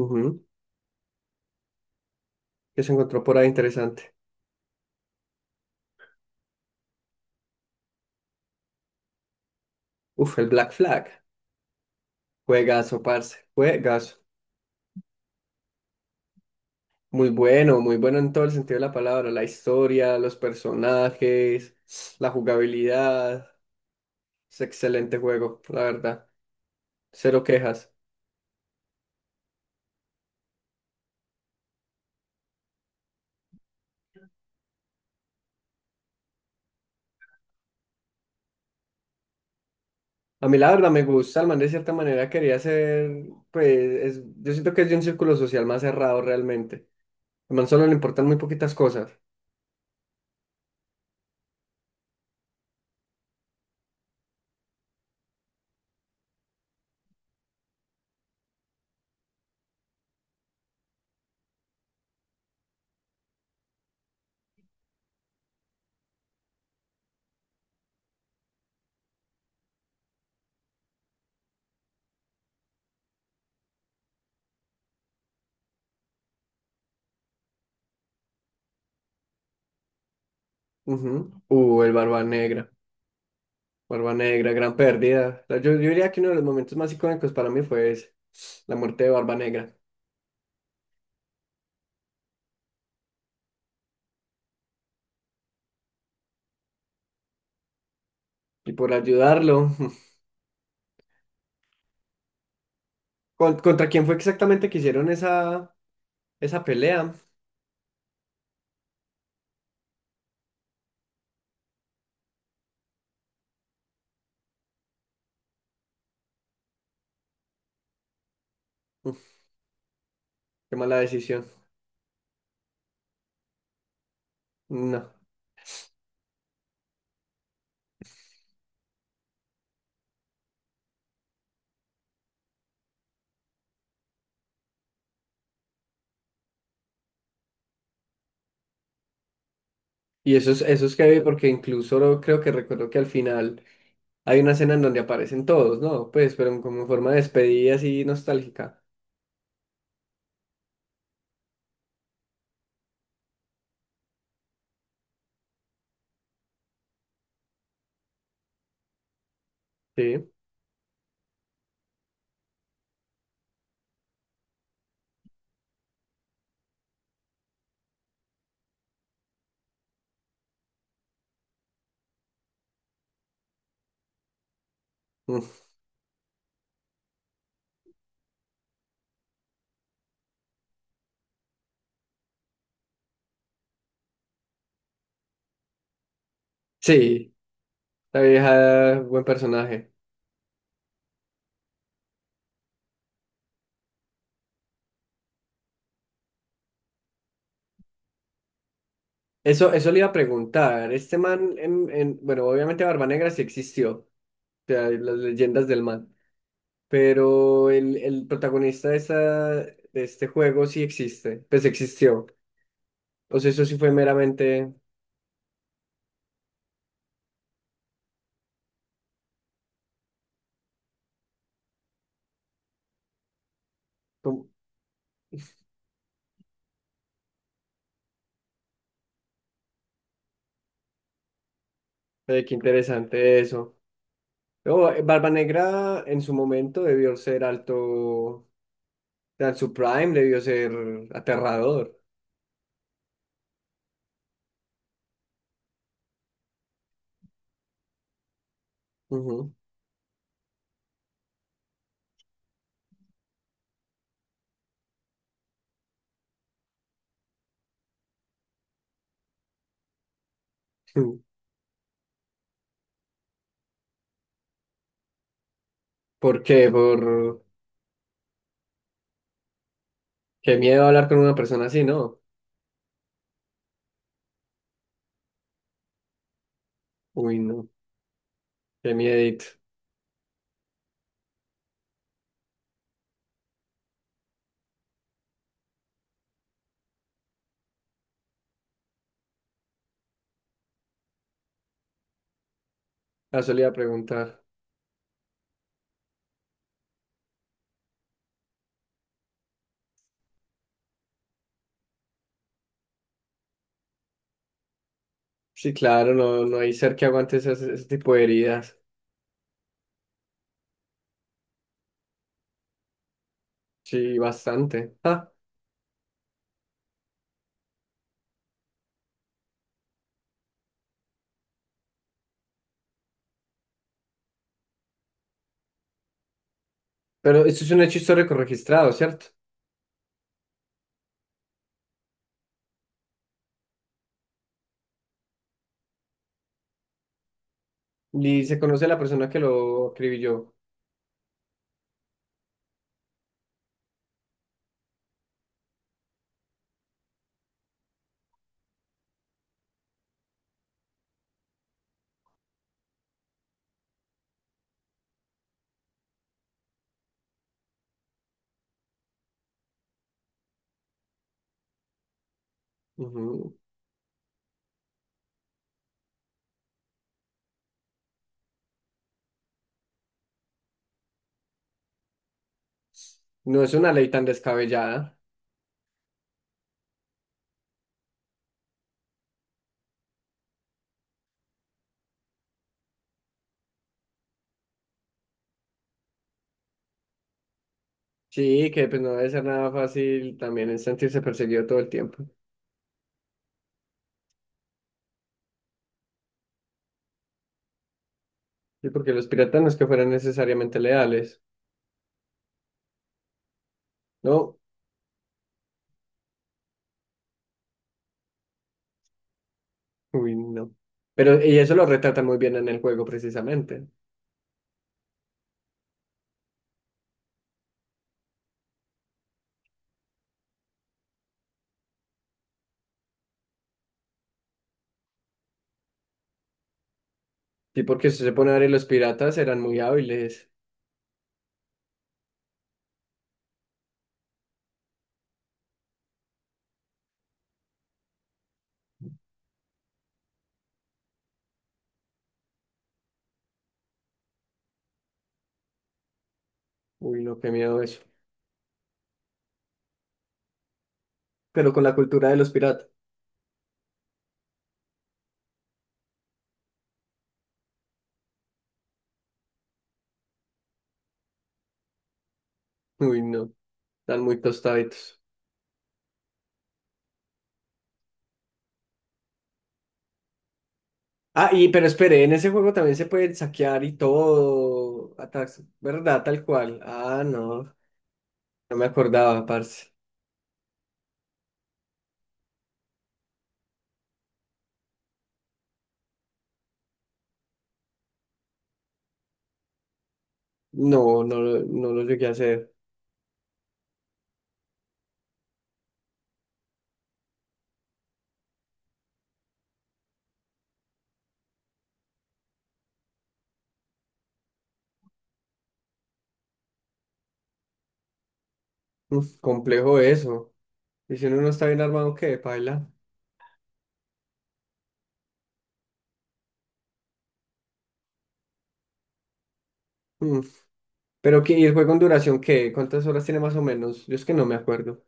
Ujú. ¿Qué se encontró por ahí interesante? Uf, el Black Flag. Juegazo, parce. Juegazo. Muy bueno, muy bueno en todo el sentido de la palabra. La historia, los personajes, la jugabilidad. Es excelente juego, la verdad. Cero quejas. A mí la verdad me gusta, el man de cierta manera quería ser, pues, yo siento que es de un círculo social más cerrado realmente. Al man solo le importan muy poquitas cosas. Ujú. El Barba Negra. Barba Negra, gran pérdida. O sea, yo diría que uno de los momentos más icónicos para mí fue ese, la muerte de Barba Negra. Y por ayudarlo, ¿contra quién fue exactamente que hicieron esa, esa pelea? Mm, qué mala decisión. No. Y eso es heavy porque incluso creo que recuerdo que al final hay una escena en donde aparecen todos, ¿no? Pues, pero como en forma de despedida así nostálgica. Sí. Mm. Sí, la vieja, buen personaje. Eso le iba a preguntar. Este man, bueno, obviamente Barba Negra sí existió, o sea, las leyendas del man, pero el protagonista de, esta, de este juego sí existe, pues existió. O sea, eso sí fue meramente, como, qué interesante eso. Pero, Barba Negra en su momento debió ser alto, o sea, en su prime debió ser aterrador. Ujú. ¿Por qué? Por qué miedo hablar con una persona así, ¿no? Uy, no, qué miedito. Ah, solía preguntar. Sí, claro, no, no hay ser que aguante esas- ese tipo de heridas. Sí, bastante. Ah, pero esto es un hecho histórico registrado, ¿cierto? Y se conoce a la persona que lo escribió. Ujú. No es una ley tan descabellada. Sí, que pues no debe ser nada fácil también es sentirse perseguido todo el tiempo. Sí, porque los piratas no es que fueran necesariamente leales. No, uy, no. Pero y eso lo retratan muy bien en el juego, precisamente. Sí, porque si se pone a ver, los piratas eran muy hábiles. Uy, no, qué miedo eso. Pero con la cultura de los piratas. Uy, no, están muy tostaditos. Ah, y pero espere, en ese juego también se puede saquear y todo. Ataques, ¿verdad? Tal cual. Ah, no, no me acordaba, parce. No, no, no lo llegué a hacer. Mm, complejo eso. Y si uno no está bien armado, ¿qué? Paila. Mm, pero qué, ¿y el juego en duración qué? ¿Cuántas horas tiene más o menos? Yo es que no me acuerdo.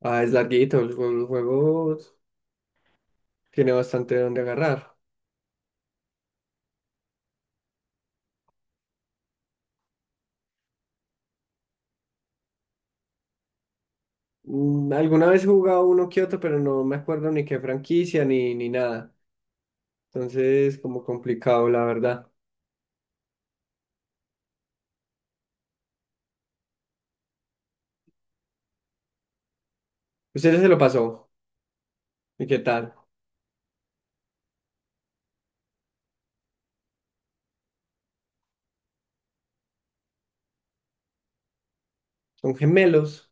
Ah, es larguito, el juego tiene bastante donde agarrar. Mm, alguna vez he jugado uno que otro, pero no me acuerdo ni qué franquicia ni, ni nada. Entonces, como complicado, la verdad. ¿Ustedes se lo pasó? ¿Y qué tal? ¿Son gemelos?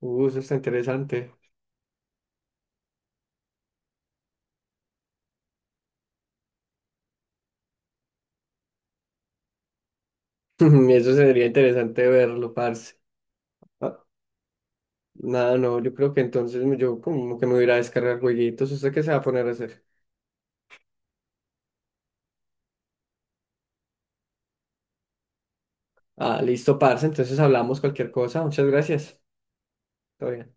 Eso está interesante. Eso sería interesante verlo, parce. Ah, nada, no, yo creo que entonces yo como que me voy a ir a descargar jueguitos. ¿Usted qué se va a poner a hacer? Ah, listo, parce. Entonces hablamos cualquier cosa. Muchas gracias. Todo bien.